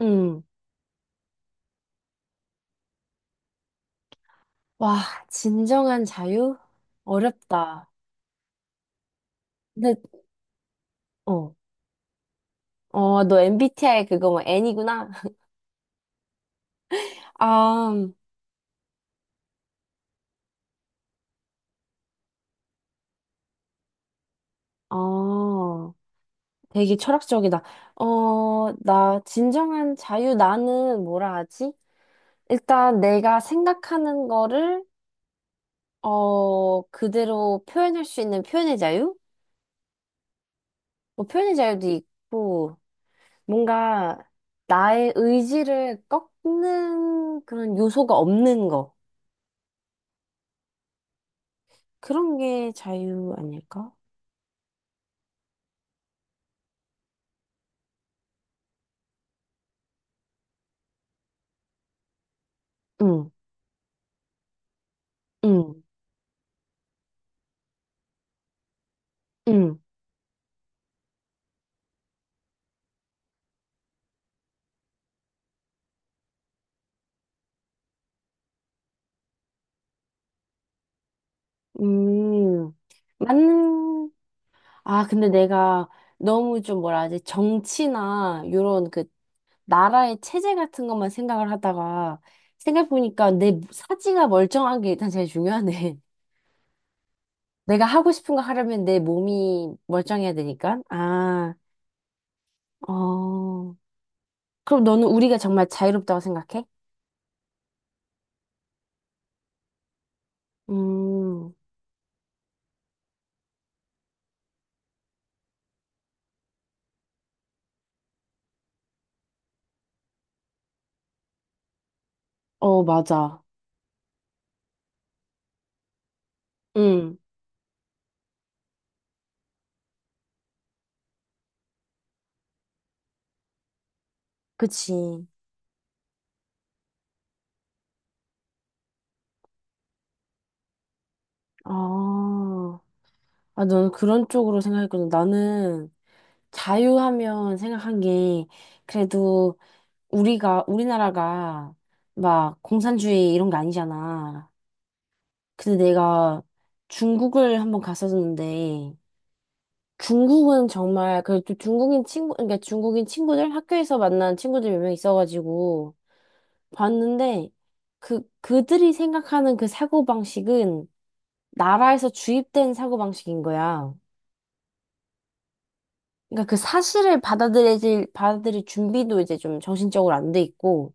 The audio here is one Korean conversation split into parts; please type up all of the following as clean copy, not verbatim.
음. 와, 진정한 자유? 어렵다. 근데, 어. 어, 너 MBTI 그거 뭐 N이구나? 아, 어, 되게 철학적이다. 어, 나 진정한 자유 나는 뭐라 하지? 일단 내가 생각하는 거를, 그대로 표현할 수 있는 표현의 자유? 뭐 표현의 자유도 있고, 뭔가 나의 의지를 꺾는 그런 요소가 없는 거. 그런 게 자유 아닐까? 응, 응, 응, 음. 맞는, 아, 근데 내가 너무 좀 뭐라 하지? 정치나, 요런 그, 나라의 체제 같은 것만 생각을 하다가, 생각해보니까 내 사지가 멀쩡한 게 일단 제일 중요하네. 내가 하고 싶은 거 하려면 내 몸이 멀쩡해야 되니까. 아, 어. 그럼 너는 우리가 정말 자유롭다고 생각해? 음, 어, 맞아. 응, 그치. 아, 아, 넌 그런 쪽으로 생각했구나. 나는 자유하면 생각한 게, 그래도 우리가, 우리나라가 막 공산주의 이런 게 아니잖아. 근데 내가 중국을 한번 갔었는데, 중국은 정말, 그래도 중국인 친구, 그러니까 중국인 친구들, 학교에서 만난 친구들 몇 명 있어가지고, 봤는데, 그, 그들이 생각하는 그 사고방식은 나라에서 주입된 사고방식인 거야. 그러니까 그 사실을 받아들일 준비도 이제 좀 정신적으로 안 돼 있고,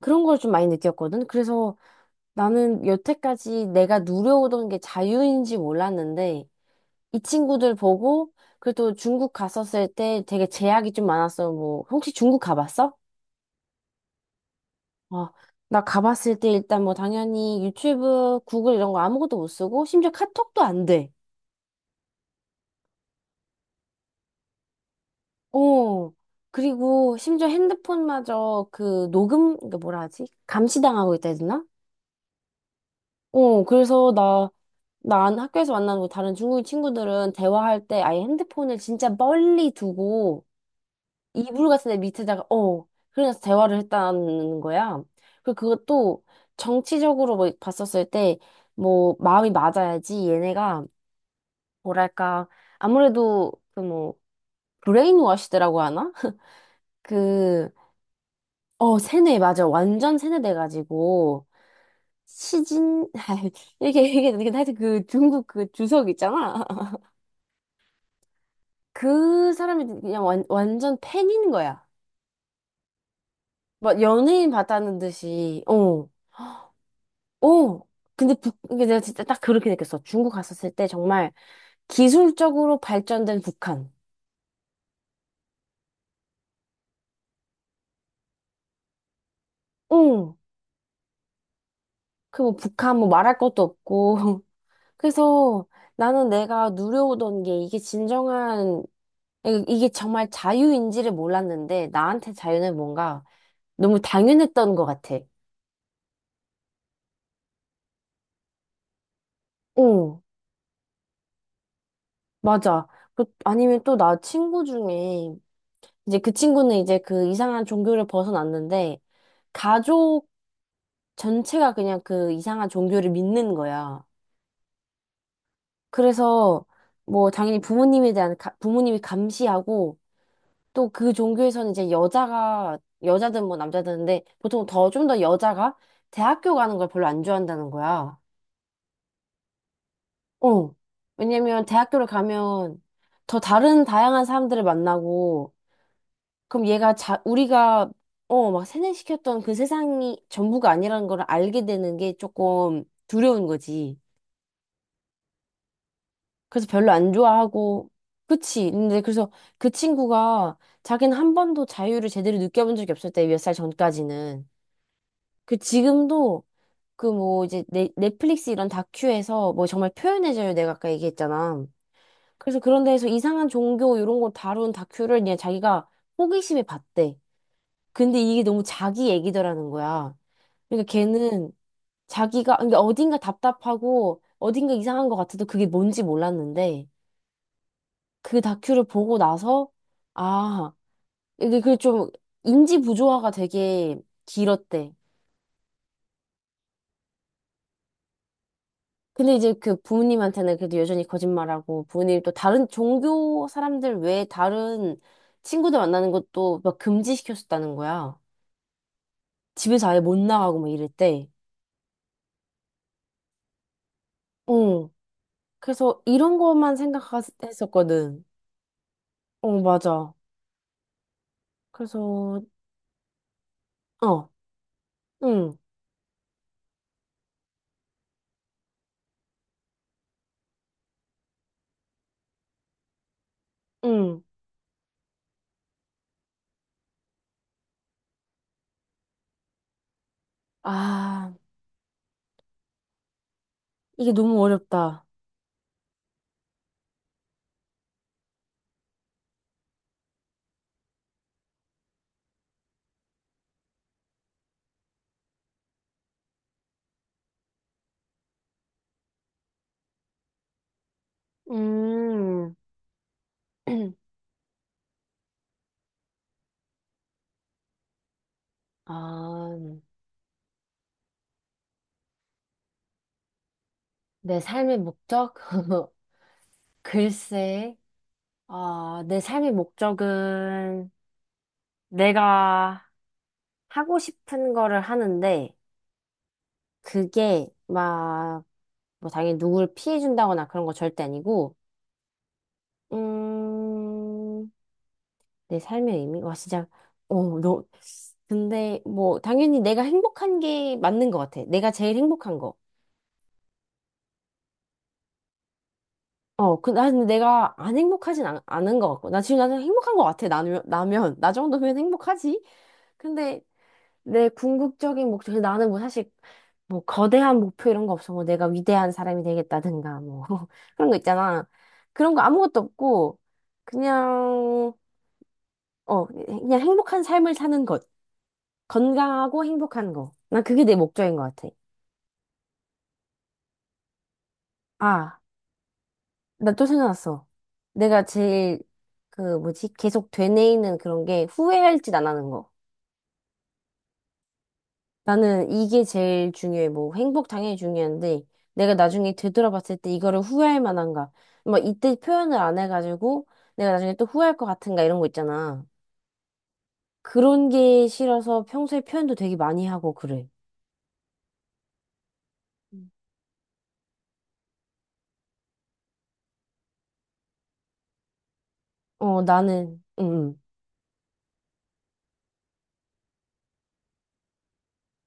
그런 걸 좀 많이 느꼈거든. 그래서 나는 여태까지 내가 누려오던 게 자유인지 몰랐는데, 이 친구들 보고, 그래도 중국 갔었을 때 되게 제약이 좀 많았어. 뭐, 혹시 중국 가봤어? 어, 나 가봤을 때 일단 뭐 당연히 유튜브, 구글 이런 거 아무것도 못 쓰고, 심지어 카톡도 안 돼. 어. 그리고 심지어 핸드폰마저 그 녹음, 그 뭐라 하지? 감시당하고 있다 해야 되나? 어, 그래서 나 학교에서 만나는 다른 중국인 친구들은 대화할 때 아예 핸드폰을 진짜 멀리 두고 이불 같은 데 밑에다가, 그래서 대화를 했다는 거야. 그리고 그것도 정치적으로 뭐 봤었을 때, 뭐, 마음이 맞아야지 얘네가, 뭐랄까, 아무래도 그 뭐, 브레인워시드라고 하나? 그, 어, 세뇌, 맞아. 완전 세뇌돼가지고, 시진, 이게 하여튼 그 중국 그 주석 있잖아. 그 사람이 그냥 완전 팬인 거야. 막 연예인 봤다는 듯이, 어, 어. 근데 이게 내가 진짜 딱 그렇게 느꼈어. 중국 갔었을 때 정말 기술적으로 발전된 북한. 응. 그 뭐 북한 뭐 말할 것도 없고. 그래서 나는 내가 누려오던 게 이게 진정한, 이게 정말 자유인지를 몰랐는데 나한테 자유는 뭔가 너무 당연했던 것 같아. 어, 맞아. 그- 아니면 또 나 친구 중에 이제 그 친구는 이제 그 이상한 종교를 벗어났는데, 가족 전체가 그냥 그 이상한 종교를 믿는 거야. 그래서, 뭐, 당연히 부모님에 대한, 부모님이 감시하고, 또 그 종교에서는 이제 여자가, 여자든 뭐 남자든데, 보통 더, 좀 더 여자가 대학교 가는 걸 별로 안 좋아한다는 거야. 어. 왜냐면 대학교를 가면 더 다른 다양한 사람들을 만나고, 그럼 얘가 자, 우리가, 어, 막 세뇌시켰던 그 세상이 전부가 아니라는 걸 알게 되는 게 조금 두려운 거지. 그래서 별로 안 좋아하고, 그치. 근데 그래서 그 친구가 자기는 한 번도 자유를 제대로 느껴본 적이 없었대, 몇 살 전까지는. 그 지금도 그 뭐 이제 넷플릭스 이런 다큐에서 뭐 정말 표현의 자유 내가 아까 얘기했잖아. 그래서 그런 데에서 이상한 종교 이런 거 다룬 다큐를 그냥 자기가 호기심에 봤대. 근데 이게 너무 자기 얘기더라는 거야. 그러니까 걔는 자기가, 그러니까 어딘가 답답하고 어딘가 이상한 것 같아도 그게 뭔지 몰랐는데 그 다큐를 보고 나서 아, 이게 그 좀 인지 부조화가 되게 길었대. 근데 이제 그 부모님한테는 그래도 여전히 거짓말하고 부모님 또 다른 종교 사람들 외에 다른 친구들 만나는 것도 막 금지시켰었다는 거야. 집에서 아예 못 나가고 막 이랬대. 응. 그래서 이런 것만 생각했었거든. 어, 맞아. 그래서, 어, 응, 응. 아, 이게 너무 어렵다. 음, 아, 내 삶의 목적? 글쎄, 아, 내 삶의 목적은 내가 하고 싶은 거를 하는데, 그게 막, 뭐, 당연히 누굴 피해준다거나 그런 거 절대 아니고, 음, 내 삶의 의미? 와, 진짜, 어, 근데, 뭐, 당연히 내가 행복한 게 맞는 것 같아. 내가 제일 행복한 거. 어, 그, 난 내가 안 행복하진 않은 것 같고. 나 지금 나는 행복한 것 같아. 나면, 나면. 나 정도면 행복하지? 근데 내 궁극적인 목표, 나는 뭐 사실, 뭐, 거대한 목표 이런 거 없어. 뭐, 내가 위대한 사람이 되겠다든가, 뭐, 그런 거 있잖아. 그런 거 아무것도 없고, 그냥, 어, 그냥 행복한 삶을 사는 것. 건강하고 행복한 거. 난 그게 내 목적인 것 같아. 아, 나 또 생각났어. 내가 제일, 그, 뭐지, 계속 되뇌이는 그런 게 후회할지 안 하는 거. 나는 이게 제일 중요해. 뭐, 행복 당연히 중요한데, 내가 나중에 되돌아봤을 때 이거를 후회할 만한가. 뭐, 이때 표현을 안 해가지고, 내가 나중에 또 후회할 것 같은가, 이런 거 있잖아. 그런 게 싫어서 평소에 표현도 되게 많이 하고 그래. 음. 어, 나는, 응, 응.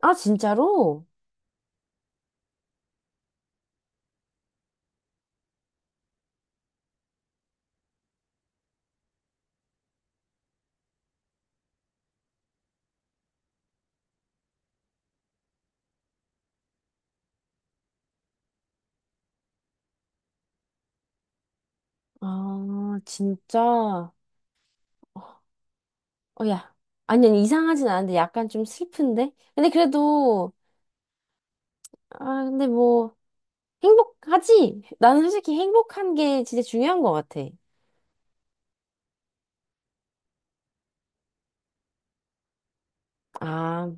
아, 진짜로? 아, 진짜. 어, 야. 아니, 아니, 이상하진 않은데 약간 좀 슬픈데? 근데 그래도, 아, 근데 뭐, 행복하지? 나는 솔직히 행복한 게 진짜 중요한 것 같아. 아,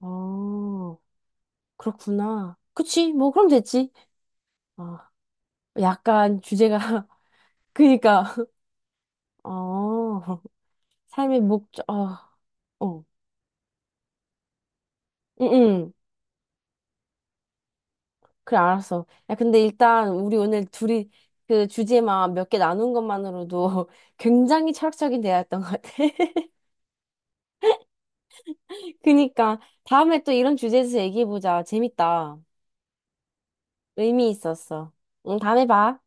어, 그렇구나. 그치, 뭐, 그럼 됐지. 어, 약간 주제가, 그니까, 어, 삶의 목적, 어, 어, 응, 응. 그래, 알았어. 야, 근데 일단, 우리 오늘 둘이 그 주제만 몇 개 나눈 것만으로도 굉장히 철학적인 대화였던 것 같아. 그니까 다음에 또 이런 주제에서 얘기해보자. 재밌다. 의미 있었어. 응, 다음에 봐.